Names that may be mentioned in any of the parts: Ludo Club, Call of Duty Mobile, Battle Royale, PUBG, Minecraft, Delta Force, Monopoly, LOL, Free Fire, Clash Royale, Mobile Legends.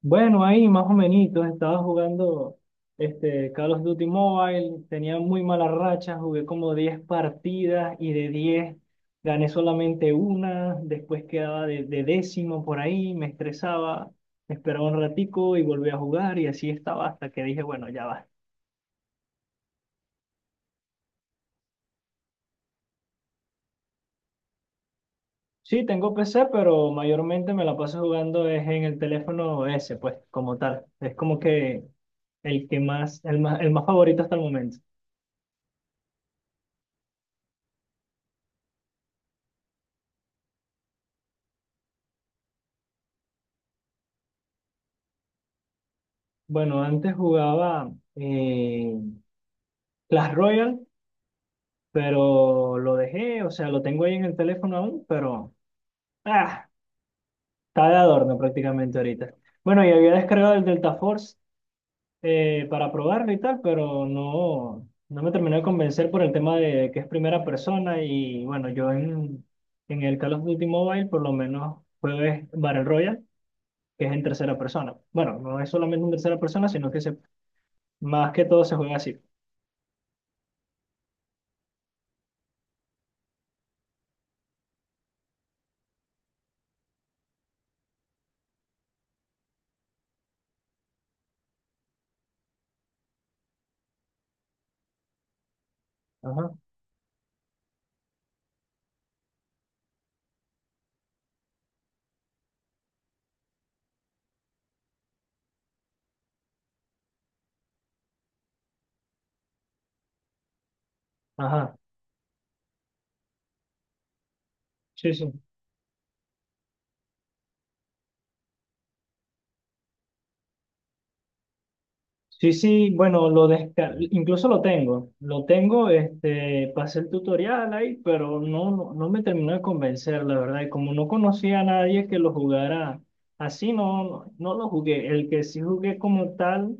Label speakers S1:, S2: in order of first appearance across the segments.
S1: Bueno, ahí más o menos, estaba jugando este Call of Duty Mobile, tenía muy mala racha, jugué como 10 partidas y de 10 gané solamente una, después quedaba de décimo por ahí, me estresaba, esperaba un ratico y volví a jugar y así estaba hasta que dije, bueno, ya va. Sí, tengo PC, pero mayormente me la paso jugando es en el teléfono ese, pues, como tal. Es como que el más favorito hasta el momento. Bueno, antes jugaba Clash Royale, pero lo dejé, o sea, lo tengo ahí en el teléfono aún, pero ah, está de adorno prácticamente ahorita. Bueno, y había descargado el Delta Force para probarlo y tal, pero no, no me terminó de convencer por el tema de que es primera persona y bueno, yo en el Call of Duty Mobile por lo menos juego es Battle Royale, que es en tercera persona. Bueno, no es solamente en tercera persona, más que todo se juega así. Ajá, ajá. Sí, sí. Sí, sí, bueno, incluso lo tengo. Lo tengo, este, pasé el tutorial ahí, pero no, no, no me terminó de convencer, la verdad. Y como no conocía a nadie que lo jugara así, no, no, no lo jugué. El que sí jugué como tal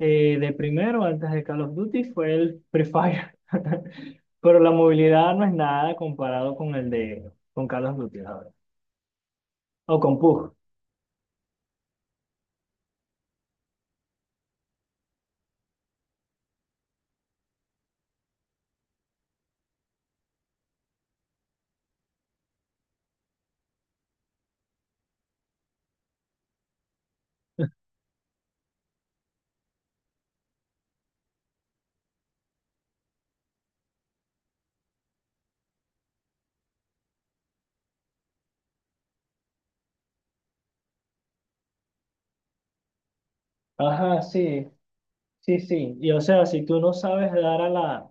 S1: de primero, antes de Call of Duty, fue el Free Fire. Pero la movilidad no es nada comparado con el de con Call of Duty, la verdad. O con PUBG. Ajá, sí, sí, sí. Y o sea,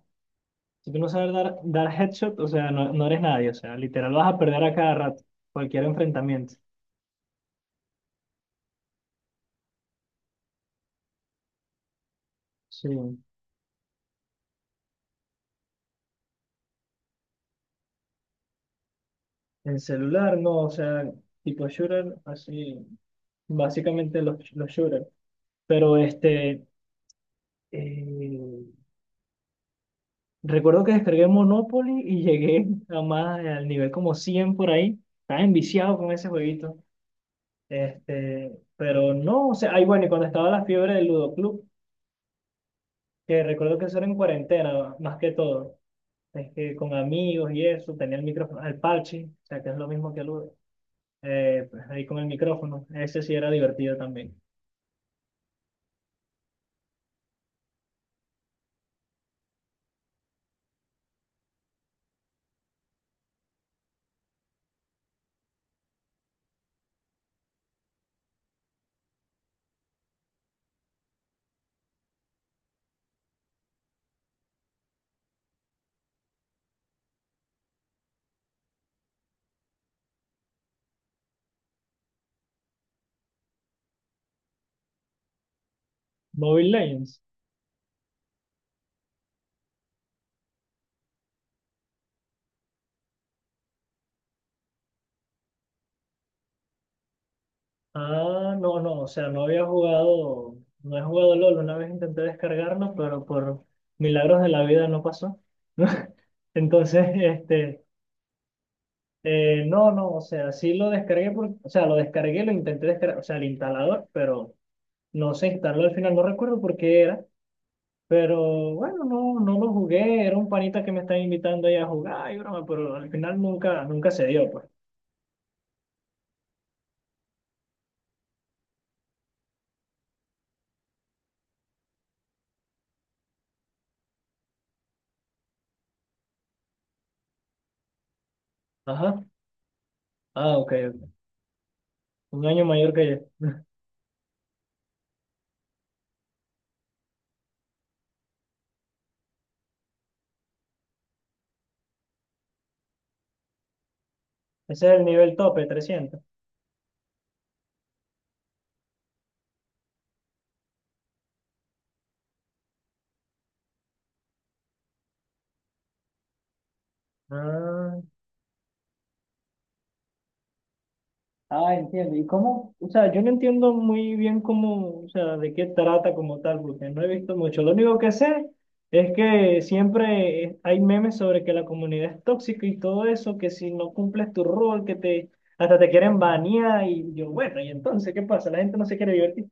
S1: Si tú no sabes dar, headshot, o sea, no, no eres nadie, o sea, literal vas a perder a cada rato, cualquier enfrentamiento. Sí, en celular no, o sea, tipo shooter, así, básicamente los shooters. Pero este, eh, recuerdo que descargué Monopoly y llegué a más, al nivel como 100 por ahí. Estaba enviciado con ese jueguito. Este, pero no, o sea, ahí bueno, y cuando estaba la fiebre del Ludo Club, que recuerdo que eso era en cuarentena, más que todo. Es que con amigos y eso, tenía el micrófono, el parche, o sea, que es lo mismo que el Uber, pues ahí con el micrófono, ese sí era divertido también. Mobile Legends. Ah, no, no, o sea, no he jugado LOL, una vez intenté descargarlo, pero por milagros de la vida no pasó. Entonces, este, no, no, o sea, sí lo descargué, o sea, lo descargué, lo intenté descargar, o sea, el instalador, pero no se instaló al final, no recuerdo por qué era. Pero bueno, no, no lo jugué, era un panita que me estaba invitando ahí a jugar, y broma, pero al final nunca, nunca se dio, pues. Ajá. Ah, ok, ok. Un año mayor que yo. Ese es el nivel tope, 300. Ah. Ah, entiendo. ¿Y cómo? O sea, yo no entiendo muy bien cómo, o sea, de qué trata como tal, porque no he visto mucho. Lo único que sé es que siempre hay memes sobre que la comunidad es tóxica y todo eso, que si no cumples tu rol, que te hasta te quieren banear y yo, bueno, ¿y entonces qué pasa? La gente no se quiere divertir.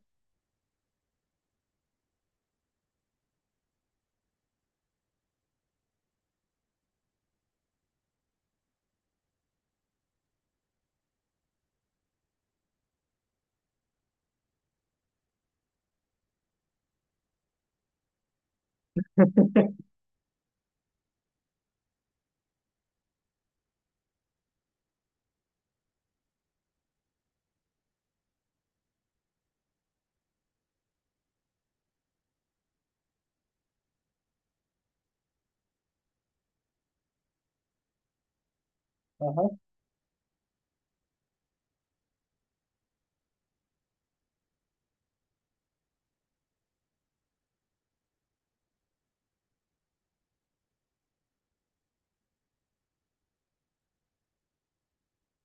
S1: Ajá.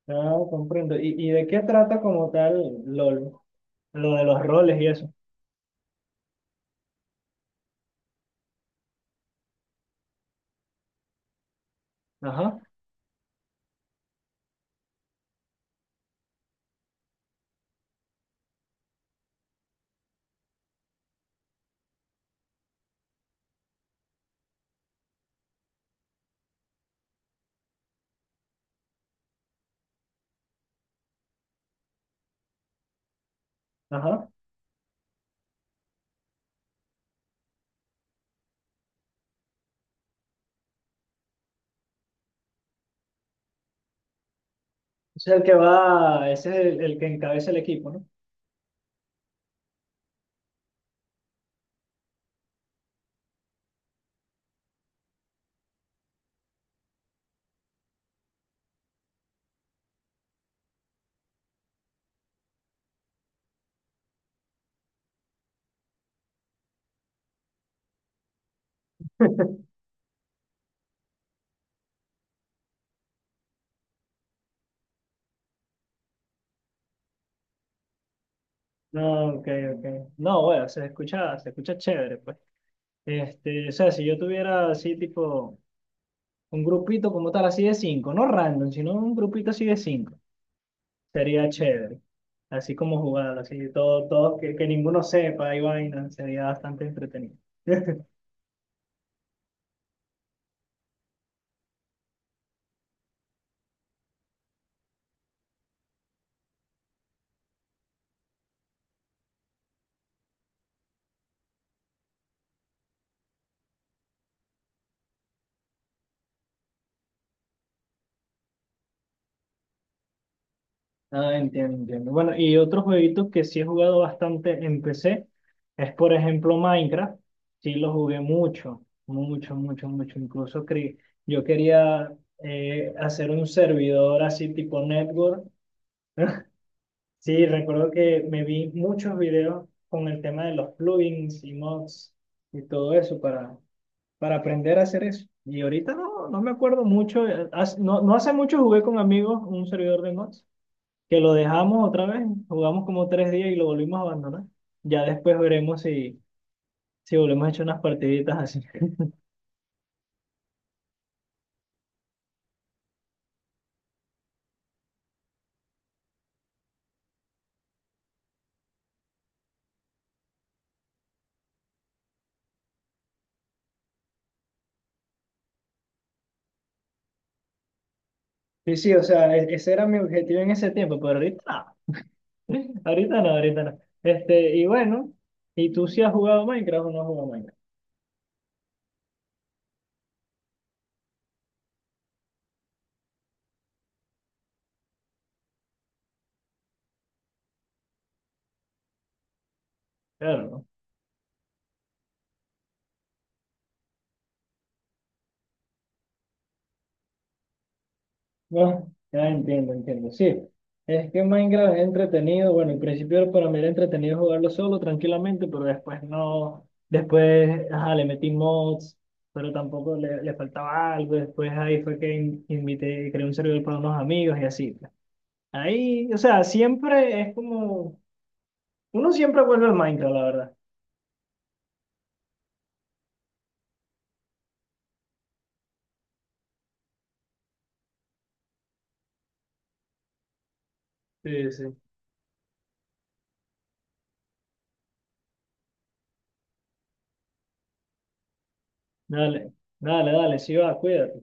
S1: Ah, comprendo. ¿Y de qué trata como tal LOL? Lo de los roles y eso. Ajá, ajá. O sea, el que va, ese es el que encabeza el equipo, ¿no? No, ok, ok. No, bueno, se escucha chévere, pues. Este, o sea, si yo tuviera así tipo un grupito como tal, así de cinco, no random, sino un grupito así de cinco, sería chévere. Así como jugar, así todo, todo, que ninguno sepa y vaina, sería bastante entretenido. Ah, entiendo, entiendo. Bueno, y otro jueguito que sí he jugado bastante en PC es, por ejemplo, Minecraft. Sí lo jugué mucho, mucho, mucho, mucho. Yo quería hacer un servidor así tipo network. Sí, recuerdo que me vi muchos videos con el tema de los plugins y mods y todo eso para, aprender a hacer eso. Y ahorita no, no me acuerdo mucho. No, no hace mucho jugué con amigos un servidor de mods que lo dejamos otra vez, jugamos como 3 días y lo volvimos a abandonar. Ya después veremos si, si volvemos a echar unas partiditas así. Sí, sí, o sea, ese era mi objetivo en ese tiempo, pero ahorita no, ahorita no, ahorita no. Este, y bueno, ¿y tú sí has jugado Minecraft o no has jugado Minecraft? Claro, ¿no? No, ya entiendo, entiendo. Sí, es que Minecraft es entretenido. Bueno, en principio para mí era entretenido jugarlo solo, tranquilamente, pero después no. Después, ajá, le metí mods, pero tampoco le, faltaba algo. Después ahí fue que invité, creé un servidor para unos amigos y así, pues. Ahí, o sea, siempre es como. Uno siempre vuelve al Minecraft, la verdad. Sí, sí. Dale, dale, dale, sí va, cuídate.